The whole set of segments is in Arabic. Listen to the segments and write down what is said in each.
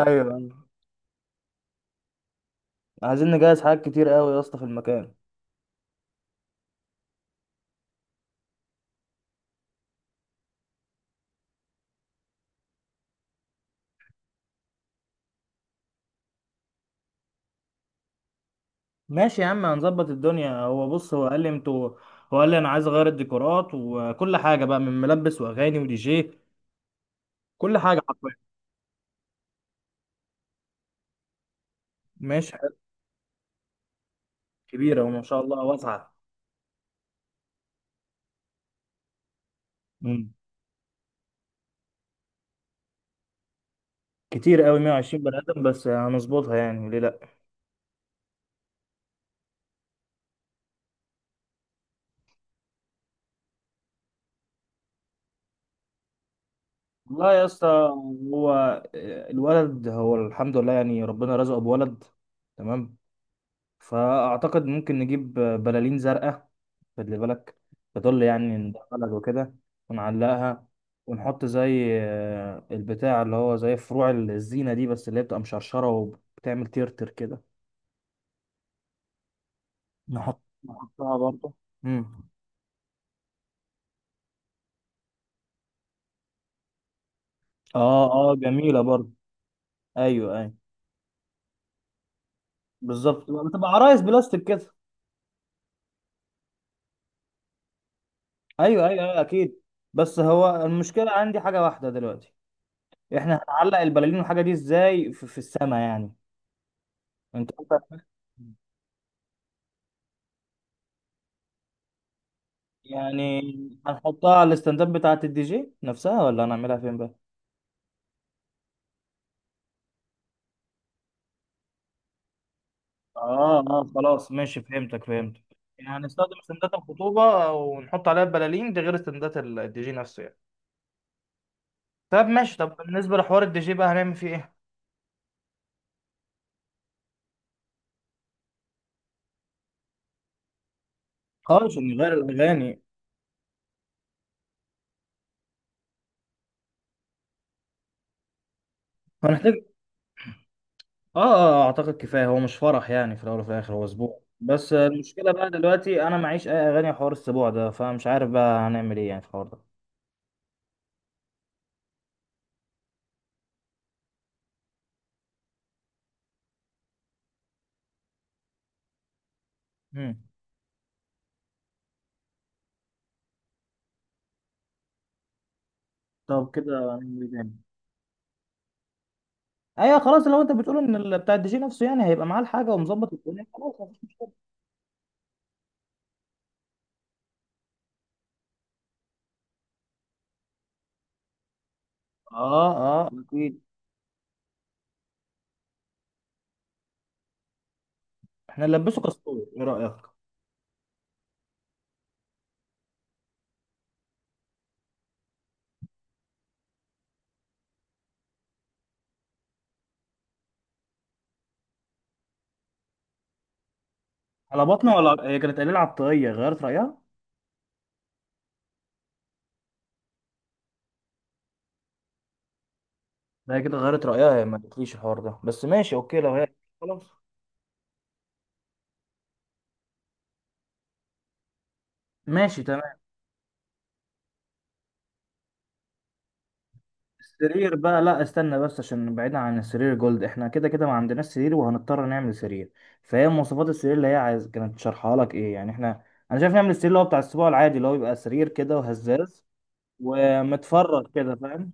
ايوه. عايزين نجهز حاجات كتير قوي يا اسطى في المكان. ماشي يا عم، هنظبط الدنيا. هو بص، هو قال لي انا عايز اغير الديكورات وكل حاجه بقى، من ملبس واغاني ودي جي، كل حاجه حرفيا. ماشي. حاجات كبيره وما شاء الله واسعه. مم. كتير قوي 120 بني ادم، بس هنظبطها يعني، ليه لا. والله يا اسطى، هو الولد، هو الحمد لله يعني، ربنا رزقه بولد. تمام. فاعتقد ممكن نجيب بلالين زرقاء، خلي بالك، تظل يعني ندخلها وكده، ونعلقها، ونحط زي البتاع اللي هو زي فروع الزينة دي، بس اللي هي بتبقى مشرشرة وبتعمل ترتر كده. نحطها برضه. امم. اه اه، جميلة برضه. ايوه ايوه، بالظبط، بتبقى عرايس بلاستيك كده. ايوه ايوه ايوه، اكيد. بس هو المشكلة عندي حاجة واحدة دلوقتي. احنا هنعلق البلالين والحاجة دي ازاي في السما يعني؟ انت. يعني هنحطها على الستاند اب بتاعة الدي جي نفسها، ولا هنعملها فين بقى؟ اه اه، خلاص ماشي، فهمتك فهمتك. يعني هنستخدم استندات الخطوبة ونحط عليها البلالين دي، غير استندات الدي جي نفسه يعني. طب ماشي، طب بالنسبة لحوار الدي جي بقى هنعمل فيه ايه؟ خالص نغير الأغاني. هنحتاج. اه اه، اعتقد كفاية، هو مش فرح يعني، في الأول وفي الآخر هو اسبوع بس. المشكلة بقى دلوقتي انا معيش اي اغاني حوار السبوع ده، فمش عارف بقى هنعمل ايه يعني في الحوار ده. مم. طب كده هنعمل ايه تاني؟ ايوه خلاص، لو انت بتقول ان بتاع الدي جي نفسه يعني هيبقى معاه الحاجه ومظبط الدنيا، خلاص مفيش مشكله. اه اه اكيد. احنا نلبسه كاستور، ايه رايك؟ على بطنه ولا هي كانت قليله على الطاقيه غيرت رايها؟ لا هي كده غيرت رايها، هي ما قالتليش الحوار ده، بس ماشي اوكي لو هي. خلاص. ماشي تمام. السرير بقى، لا استنى بس، عشان بعيدا عن السرير جولد، احنا كده كده ما عندناش سرير وهنضطر نعمل سرير. فهي مواصفات السرير اللي هي عايز كانت شارحها لك ايه يعني، احنا انا شايف نعمل السرير اللي هو بتاع السبوع العادي، اللي هو بيبقى سرير كده وهزاز ومتفرغ كده، فاهم؟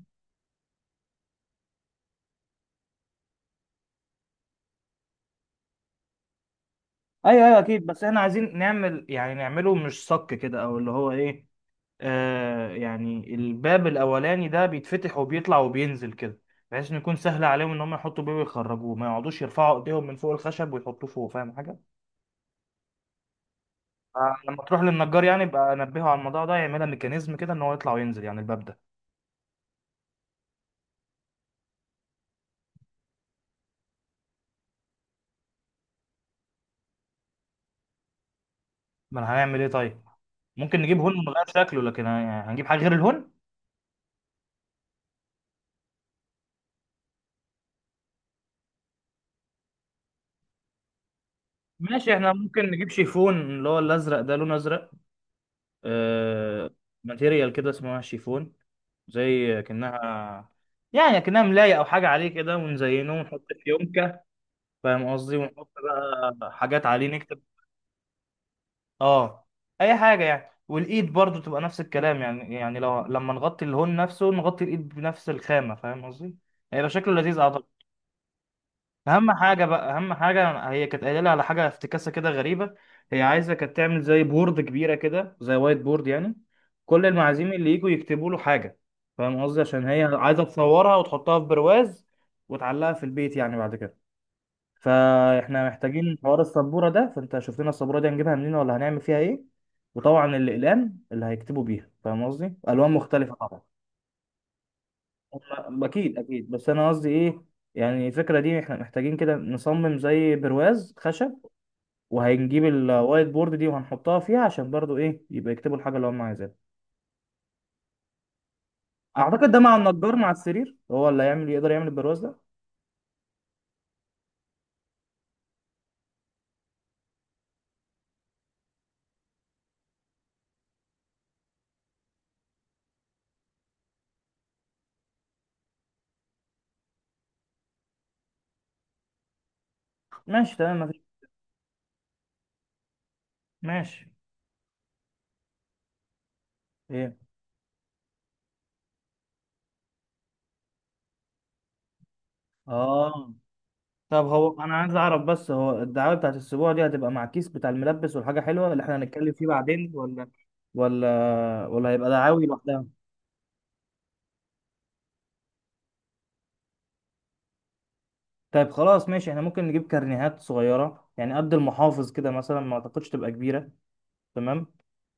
ايوه ايوه اكيد. بس احنا عايزين نعمل يعني نعمله مش صك كده، او اللي هو ايه، آه يعني الباب الاولاني ده بيتفتح وبيطلع وبينزل كده، بحيث انه يكون سهل عليهم ان هم يحطوا بيه ويخرجوه، ما يقعدوش يرفعوا ايديهم من فوق الخشب ويحطوه فوق، فاهم حاجه؟ آه لما تروح للنجار يعني يبقى انبهه على الموضوع ده، يعملها ميكانيزم كده ان هو يطلع وينزل يعني الباب ده. ما أنا هنعمل ايه طيب؟ ممكن نجيب هون ونغير شكله، لكن هنجيب حاجه غير الهون. ماشي، احنا ممكن نجيب شيفون اللي هو الازرق ده، لونه ازرق. آه، ماتيريال كده اسمها شيفون، زي كأنها، يعني كأنها ملاية أو حاجة عليه كده، ونزينه ونحط في يونكة، فاهم قصدي؟ ونحط بقى حاجات عليه نكتب. اه، أي حاجة يعني. والإيد برضو تبقى نفس الكلام يعني، يعني لو لما نغطي الهون نفسه نغطي الإيد بنفس الخامة، فاهم قصدي؟ هيبقى شكله لذيذ أعتقد. اهم حاجه بقى، اهم حاجه، هي كانت قايله لي على حاجه افتكاسه كده غريبه. هي عايزه كانت تعمل زي بورد كبيره كده، زي وايت بورد يعني، كل المعازيم اللي يجوا يكتبوا له حاجه، فاهم قصدي؟ عشان هي عايزه تصورها وتحطها في برواز وتعلقها في البيت يعني بعد كده. فاحنا محتاجين حوار السبوره ده، فانت شوف لنا السبوره دي هنجيبها منين، ولا هنعمل فيها ايه. وطبعا الاقلام اللي هيكتبوا بيها، فاهم قصدي، الوان مختلفه طبعا. اكيد اكيد، بس انا قصدي ايه، يعني الفكره دي احنا محتاجين كده نصمم زي برواز خشب، وهنجيب الوايت بورد دي وهنحطها فيها، عشان برضو ايه، يبقى يكتبوا الحاجه اللي هم عايزينها. اعتقد ده مع النجار مع السرير، هو اللي هيعمل، يقدر يعمل البرواز ده. ماشي تمام، مفيش. ماشي. ايه؟ اه طب هو انا عايز اعرف بس، هو الدعايه بتاعت الاسبوع دي هتبقى مع الكيس بتاع الملبس والحاجه حلوه اللي احنا هنتكلم فيه بعدين، ولا هيبقى دعاوي لوحدها؟ طيب خلاص ماشي، احنا ممكن نجيب كارنيهات صغيرة يعني، قد المحافظ كده مثلا، ما اعتقدش تبقى كبيرة. تمام.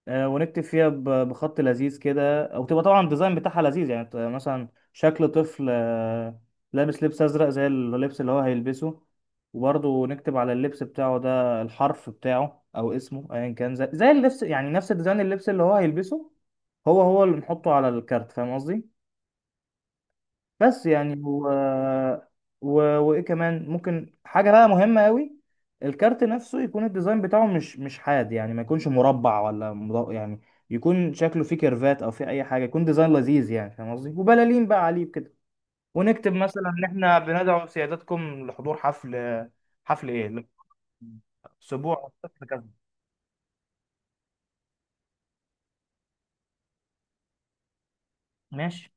آه ونكتب فيها بخط لذيذ كده، او تبقى طبعا الديزاين بتاعها لذيذ يعني، مثلا شكل طفل، آه لابس لبس ازرق زي اللبس اللي هو هيلبسه، وبرضه نكتب على اللبس بتاعه ده الحرف بتاعه او اسمه ايا كان، زي اللبس يعني، نفس ديزاين اللبس اللي هو هيلبسه، هو هو اللي نحطه على الكارت، فاهم قصدي؟ بس يعني و... وايه كمان ممكن، حاجه بقى مهمه قوي، الكارت نفسه يكون الديزاين بتاعه مش حاد يعني، ما يكونش مربع ولا يعني يكون شكله فيه كيرفات، او فيه اي حاجه، يكون ديزاين لذيذ يعني، فاهم قصدي؟ وبلالين بقى عليه كده. ونكتب مثلا ان احنا بندعو سيادتكم لحضور حفل، حفل ايه، اسبوع الطفل كذا. ماشي.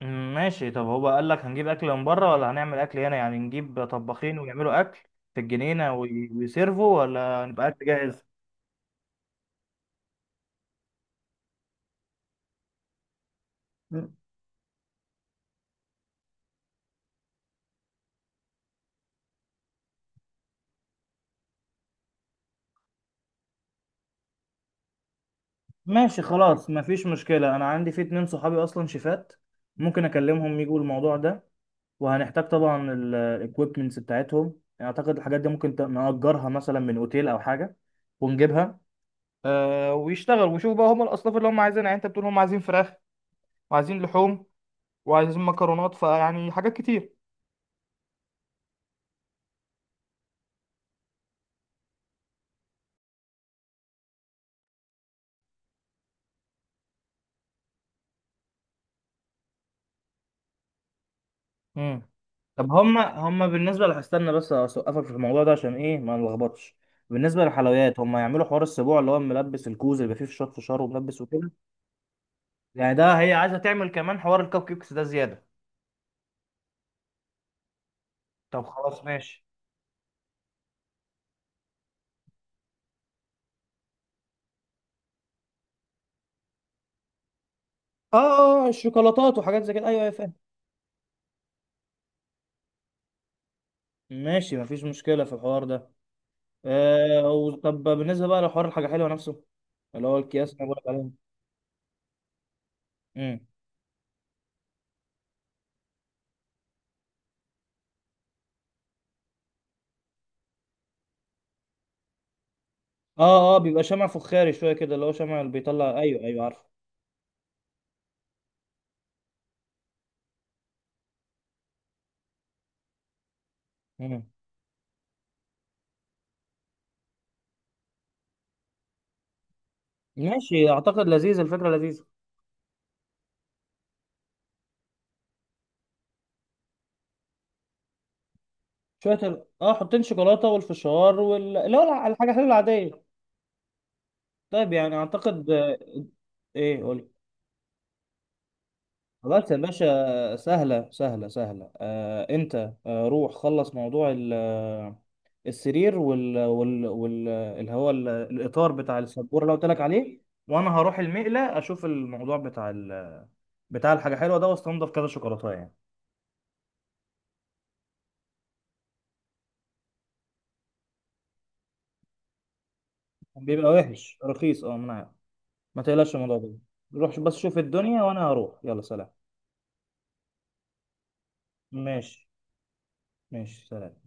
مم، ماشي. طب هو قال لك هنجيب اكل من بره، ولا هنعمل اكل هنا يعني، نجيب طباخين ويعملوا اكل في الجنينه ويسيرفوا، ولا نبقى اكل جاهز؟ مم، ماشي خلاص، مفيش مشكله، انا عندي في اتنين صحابي اصلا شيفات، ممكن اكلمهم يجوا الموضوع ده. وهنحتاج طبعا الاكويبمنتس بتاعتهم، يعني اعتقد الحاجات دي ممكن نأجرها مثلا من اوتيل او حاجه ونجيبها. آه ويشتغل ويشوف بقى هم الاصناف اللي هم عايزينها، يعني انت بتقول هم عايزين فراخ وعايزين لحوم وعايزين مكرونات، فيعني حاجات كتير. مم. طب هما بالنسبة استنى بس أوقفك في الموضوع ده عشان إيه ما نلخبطش. بالنسبة للحلويات، هما يعملوا حوار السبوع اللي هو ملبس الكوز اللي بيبقى فيه فشار وملبس وكده، يعني ده هي عايزة تعمل كمان حوار الكب كيكس ده زيادة؟ طب خلاص ماشي. اه اه، الشوكولاتات وحاجات زي كده، ايوه ايوه فاهم. ماشي، مفيش مشكلة في الحوار ده. آه طب بالنسبة بقى لحوار الحاجة حلوة نفسه، اللي هو الأكياس اللي أنا بقولك عليها. مم. اه اه، بيبقى شمع فخاري شوية كده، اللي هو شمع اللي بيطلع، ايوه ايوه عارفه. ماشي، اعتقد لذيذ، الفكره لذيذه. شويه حطين شوكولاته والفشار وال، اللي هو الحاجه الحلوه العاديه. طيب يعني اعتقد ايه قولي. خلاص يا باشا، سهله سهله سهله. آه انت، آه روح خلص موضوع السرير وال وال وال آه، اللي هو ال- الاطار بتاع السبوره اللي قلت لك عليه. وانا هروح المقله اشوف الموضوع بتاع ال... بتاع الحاجه حلوه ده، واستنضف كذا شوكولاته يعني. بيبقى وحش رخيص، اه من، ما تقلقش من الموضوع ده. روح بس شوف الدنيا وانا هروح، يلا سلام. ماشي، ماشي سلام.